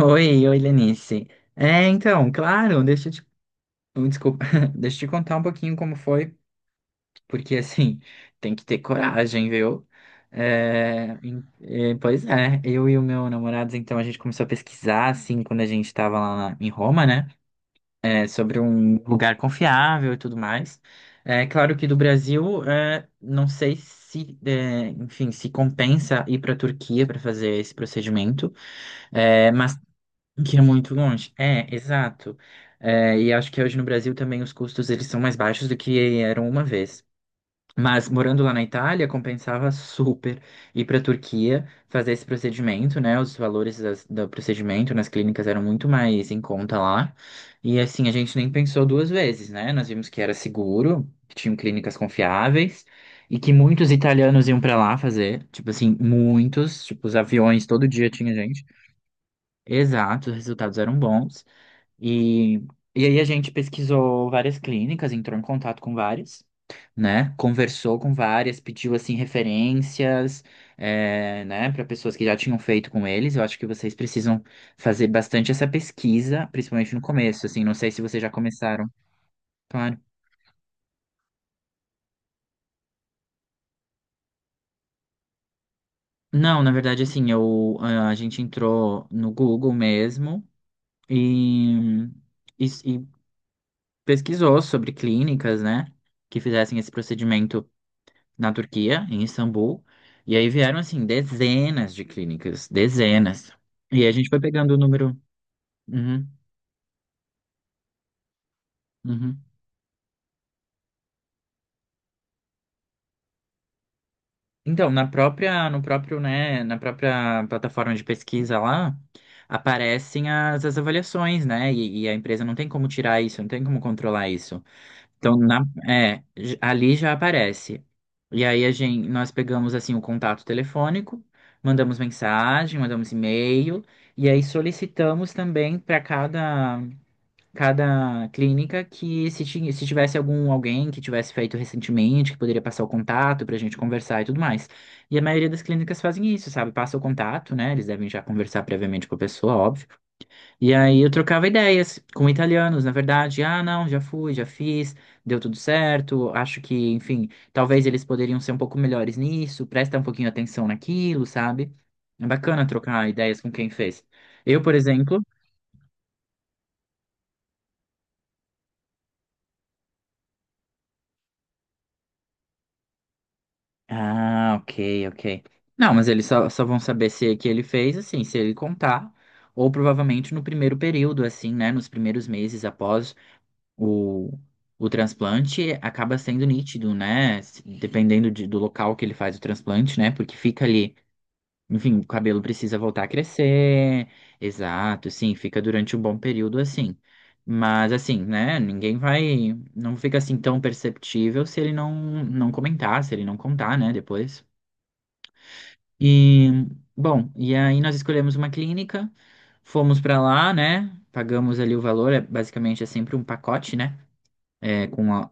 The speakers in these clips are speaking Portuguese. Oi, oi, Lenice. É, então, claro, deixa eu te, desculpa, deixa eu te contar um pouquinho como foi, porque assim, tem que ter coragem, viu? É, é, pois é, eu e o meu namorado, então, a gente começou a pesquisar, assim, quando a gente tava lá em Roma, né? É, sobre um lugar confiável e tudo mais. É claro que do Brasil, é, não sei se, é, enfim, se compensa ir para a Turquia para fazer esse procedimento. É, mas que é muito longe. É, exato. É, e acho que hoje no Brasil também os custos eles são mais baixos do que eram uma vez. Mas morando lá na Itália, compensava super ir para a Turquia fazer esse procedimento, né? Os valores do procedimento nas clínicas eram muito mais em conta lá. E assim, a gente nem pensou duas vezes, né? Nós vimos que era seguro, que tinham clínicas confiáveis e que muitos italianos iam para lá fazer. Tipo assim, muitos. Tipo, os aviões, todo dia tinha gente. Exato, os resultados eram bons. E, e aí a gente pesquisou várias clínicas, entrou em contato com várias, né? Conversou com várias, pediu assim referências, é, né, para pessoas que já tinham feito com eles. Eu acho que vocês precisam fazer bastante essa pesquisa, principalmente no começo, assim. Não sei se vocês já começaram. Claro. Não, na verdade, assim, eu, a gente entrou no Google mesmo e, e, e pesquisou sobre clínicas, né, que fizessem esse procedimento na Turquia, em Istambul. E aí vieram, assim, dezenas de clínicas, dezenas. E a gente foi pegando o número. Uhum, uhum. Então, na própria, no próprio, né, na própria plataforma de pesquisa lá, aparecem as avaliações, né? E a empresa não tem como tirar isso, não tem como controlar isso. Então, ali já aparece. E aí a gente, nós pegamos assim o contato telefônico, mandamos mensagem, mandamos e-mail, e aí solicitamos também para cada, clínica que se tivesse algum alguém que tivesse feito recentemente, que poderia passar o contato para a gente conversar e tudo mais. E a maioria das clínicas fazem isso, sabe? Passa o contato, né? Eles devem já conversar previamente com a pessoa, óbvio. E aí eu trocava ideias com italianos, na verdade. Ah, não, já fui, já fiz, deu tudo certo. Acho que, enfim, talvez eles poderiam ser um pouco melhores nisso, presta um pouquinho atenção naquilo, sabe? É bacana trocar ideias com quem fez. Eu, por exemplo. Ah, ok, ok. Não, mas eles só, só vão saber se é que ele fez, assim, se ele contar, ou provavelmente no primeiro período, assim, né? Nos primeiros meses após. O, o transplante acaba sendo nítido, né? Dependendo do local que ele faz o transplante, né? Porque fica ali, enfim, o cabelo precisa voltar a crescer. Exato, sim, fica durante um bom período assim. Mas assim, né? Ninguém vai. Não fica assim tão perceptível se ele não, não comentar, se ele não contar, né? Depois. E, bom, e aí nós escolhemos uma clínica, fomos pra lá, né? Pagamos ali o valor, é basicamente é sempre um pacote, né? É, com a,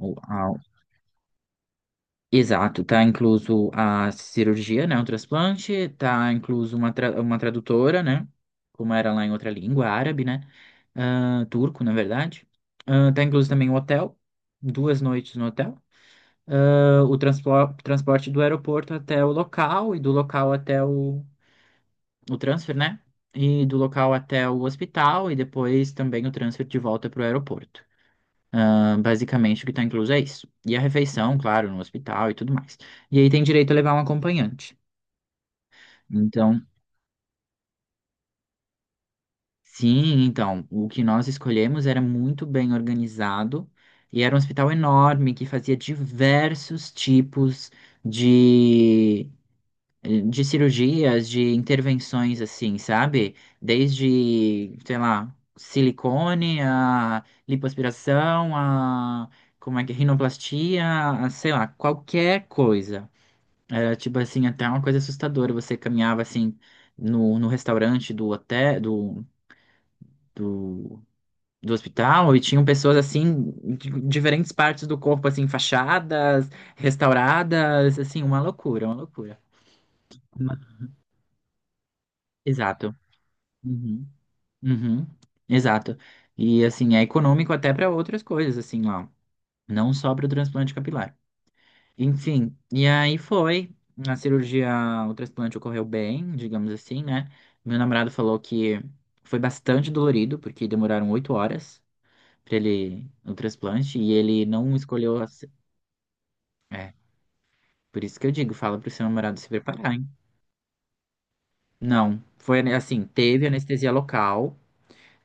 exato, tá incluso a cirurgia, né, o transplante, tá incluso uma tradutora, né, como era lá em outra língua, árabe, né, ah, turco, na verdade. Ah, tá incluso também o hotel, 2 noites no hotel. Ah, o transporte do aeroporto até o local e do local até o transfer, né, e do local até o hospital e depois também o transfer de volta para o aeroporto. Ah, basicamente, o que está incluso é isso. E a refeição, claro, no hospital e tudo mais. E aí tem direito a levar um acompanhante. Então, sim, então, o que nós escolhemos era muito bem organizado e era um hospital enorme que fazia diversos tipos de de cirurgias, de intervenções assim, sabe? Desde, sei lá, silicone, a lipoaspiração, a como é que é, rinoplastia, a, sei lá, qualquer coisa. Era tipo assim, até uma coisa assustadora. Você caminhava assim no restaurante do hotel, do, do hospital e tinham pessoas assim, de diferentes partes do corpo, assim, fachadas, restauradas, assim, uma loucura, uma loucura. Uma- Exato. Uhum. Uhum, exato. E assim, é econômico até para outras coisas, assim, ó. Não só para o transplante capilar. Enfim, e aí foi. A cirurgia, o transplante ocorreu bem, digamos assim, né? Meu namorado falou que foi bastante dolorido, porque demoraram 8 horas para ele o transplante, e ele não escolheu. É, por isso que eu digo, fala pro seu namorado se preparar, hein? Não, foi assim, teve anestesia local.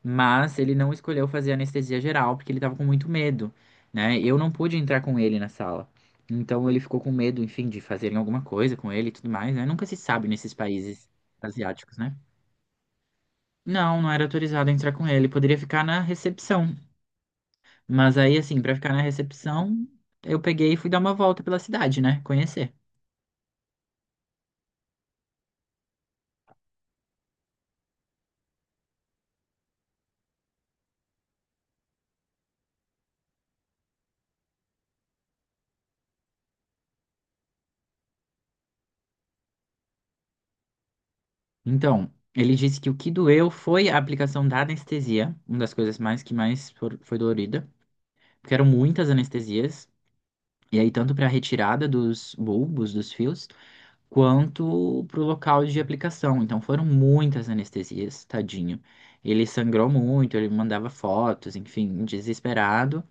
Mas ele não escolheu fazer anestesia geral porque ele tava com muito medo, né? Eu não pude entrar com ele na sala. Então ele ficou com medo, enfim, de fazerem alguma coisa com ele e tudo mais, né? Nunca se sabe nesses países asiáticos, né? Não, não era autorizado a entrar com ele. Poderia ficar na recepção. Mas aí, assim, pra ficar na recepção, eu peguei e fui dar uma volta pela cidade, né? Conhecer. Então, ele disse que o que doeu foi a aplicação da anestesia, uma das coisas mais que mais foi dolorida, porque eram muitas anestesias. E aí, tanto para a retirada dos bulbos, dos fios, quanto para o local de aplicação. Então, foram muitas anestesias, tadinho. Ele sangrou muito, ele mandava fotos, enfim, desesperado.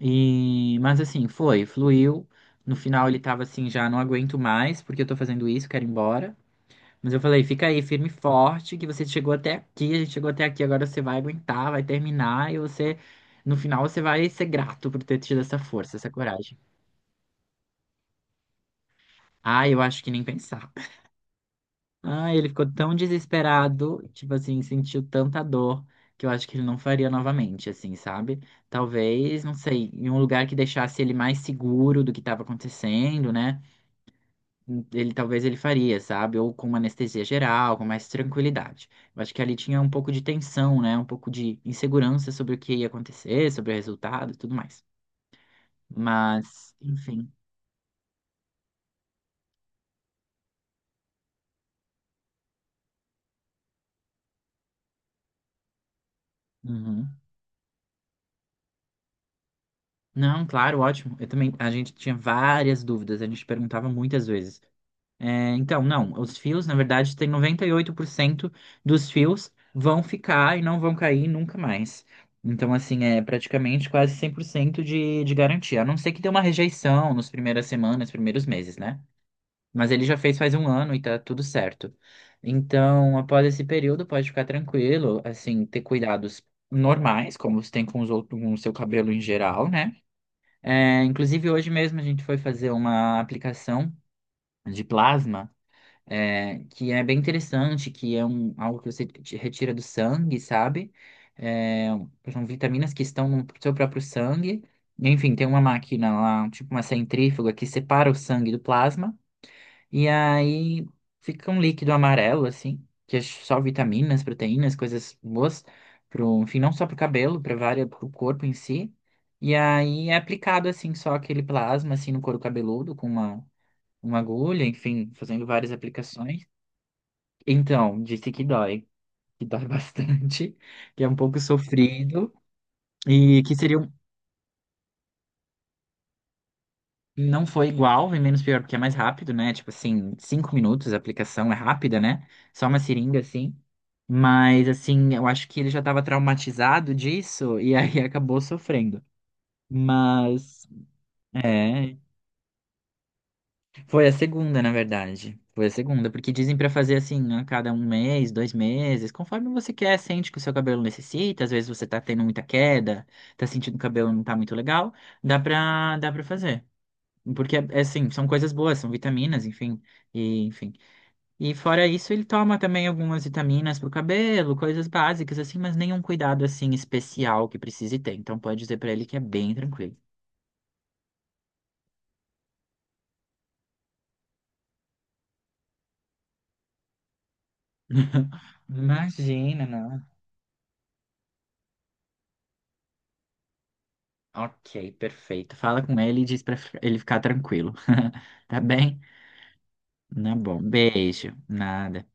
Mas assim, foi, fluiu. No final, ele tava assim: já não aguento mais, porque eu tô fazendo isso, quero ir embora. Mas eu falei: fica aí, firme e forte, que você chegou até aqui, a gente chegou até aqui, agora você vai aguentar, vai terminar, e você, no final, você vai ser grato por ter tido essa força, essa coragem. Ah, eu acho que nem pensar. Ah, ele ficou tão desesperado, tipo assim, sentiu tanta dor que eu acho que ele não faria novamente, assim, sabe? Talvez, não sei, em um lugar que deixasse ele mais seguro do que estava acontecendo, né? Ele talvez ele faria, sabe? Ou com uma anestesia geral, com mais tranquilidade. Eu acho que ali tinha um pouco de tensão, né? Um pouco de insegurança sobre o que ia acontecer, sobre o resultado e tudo mais. Mas, enfim. Uhum. Não, claro, ótimo. Eu também, a gente tinha várias dúvidas, a gente perguntava muitas vezes. É, então, não, os fios, na verdade, tem 98% dos fios vão ficar e não vão cair nunca mais. Então, assim, é praticamente quase 100% de garantia. A não ser que dê uma rejeição nas primeiras semanas, primeiros meses, né? Mas ele já fez faz um ano e tá tudo certo. Então, após esse período, pode ficar tranquilo, assim, ter cuidados normais, como você tem com os outros, com o seu cabelo em geral, né? É, inclusive, hoje mesmo a gente foi fazer uma aplicação de plasma é, que é bem interessante, que é um, algo que você te retira do sangue, sabe? É, são vitaminas que estão no seu próprio sangue. Enfim, tem uma máquina lá, tipo uma centrífuga, que separa o sangue do plasma, e aí fica um líquido amarelo, assim, que é só vitaminas, proteínas, coisas boas, pro, enfim, não só pro cabelo, para várias, pro corpo em si. E aí é aplicado, assim, só aquele plasma, assim, no couro cabeludo, com uma agulha, enfim, fazendo várias aplicações. Então, disse que dói bastante, que é um pouco sofrido e que seria não foi igual, e menos pior, porque é mais rápido, né? Tipo assim, 5 minutos, a aplicação é rápida, né? Só uma seringa assim. Mas assim, eu acho que ele já estava traumatizado disso e aí acabou sofrendo. Mas é, Foi a segunda, na verdade. Foi a segunda, porque dizem pra fazer assim, a cada um mês, 2 meses, conforme você quer, sente que o seu cabelo necessita, às vezes você tá tendo muita queda, tá sentindo que o cabelo não tá muito legal, dá pra fazer. Porque, é assim, são coisas boas, são vitaminas, enfim, e, enfim. E fora isso, ele toma também algumas vitaminas pro cabelo, coisas básicas, assim, mas nenhum cuidado, assim, especial que precise ter. Então, pode dizer pra ele que é bem tranquilo. Imagina, não. Ok, perfeito. Fala com ele e diz pra ele ficar tranquilo. Tá bem? Tá bom. Beijo. Nada.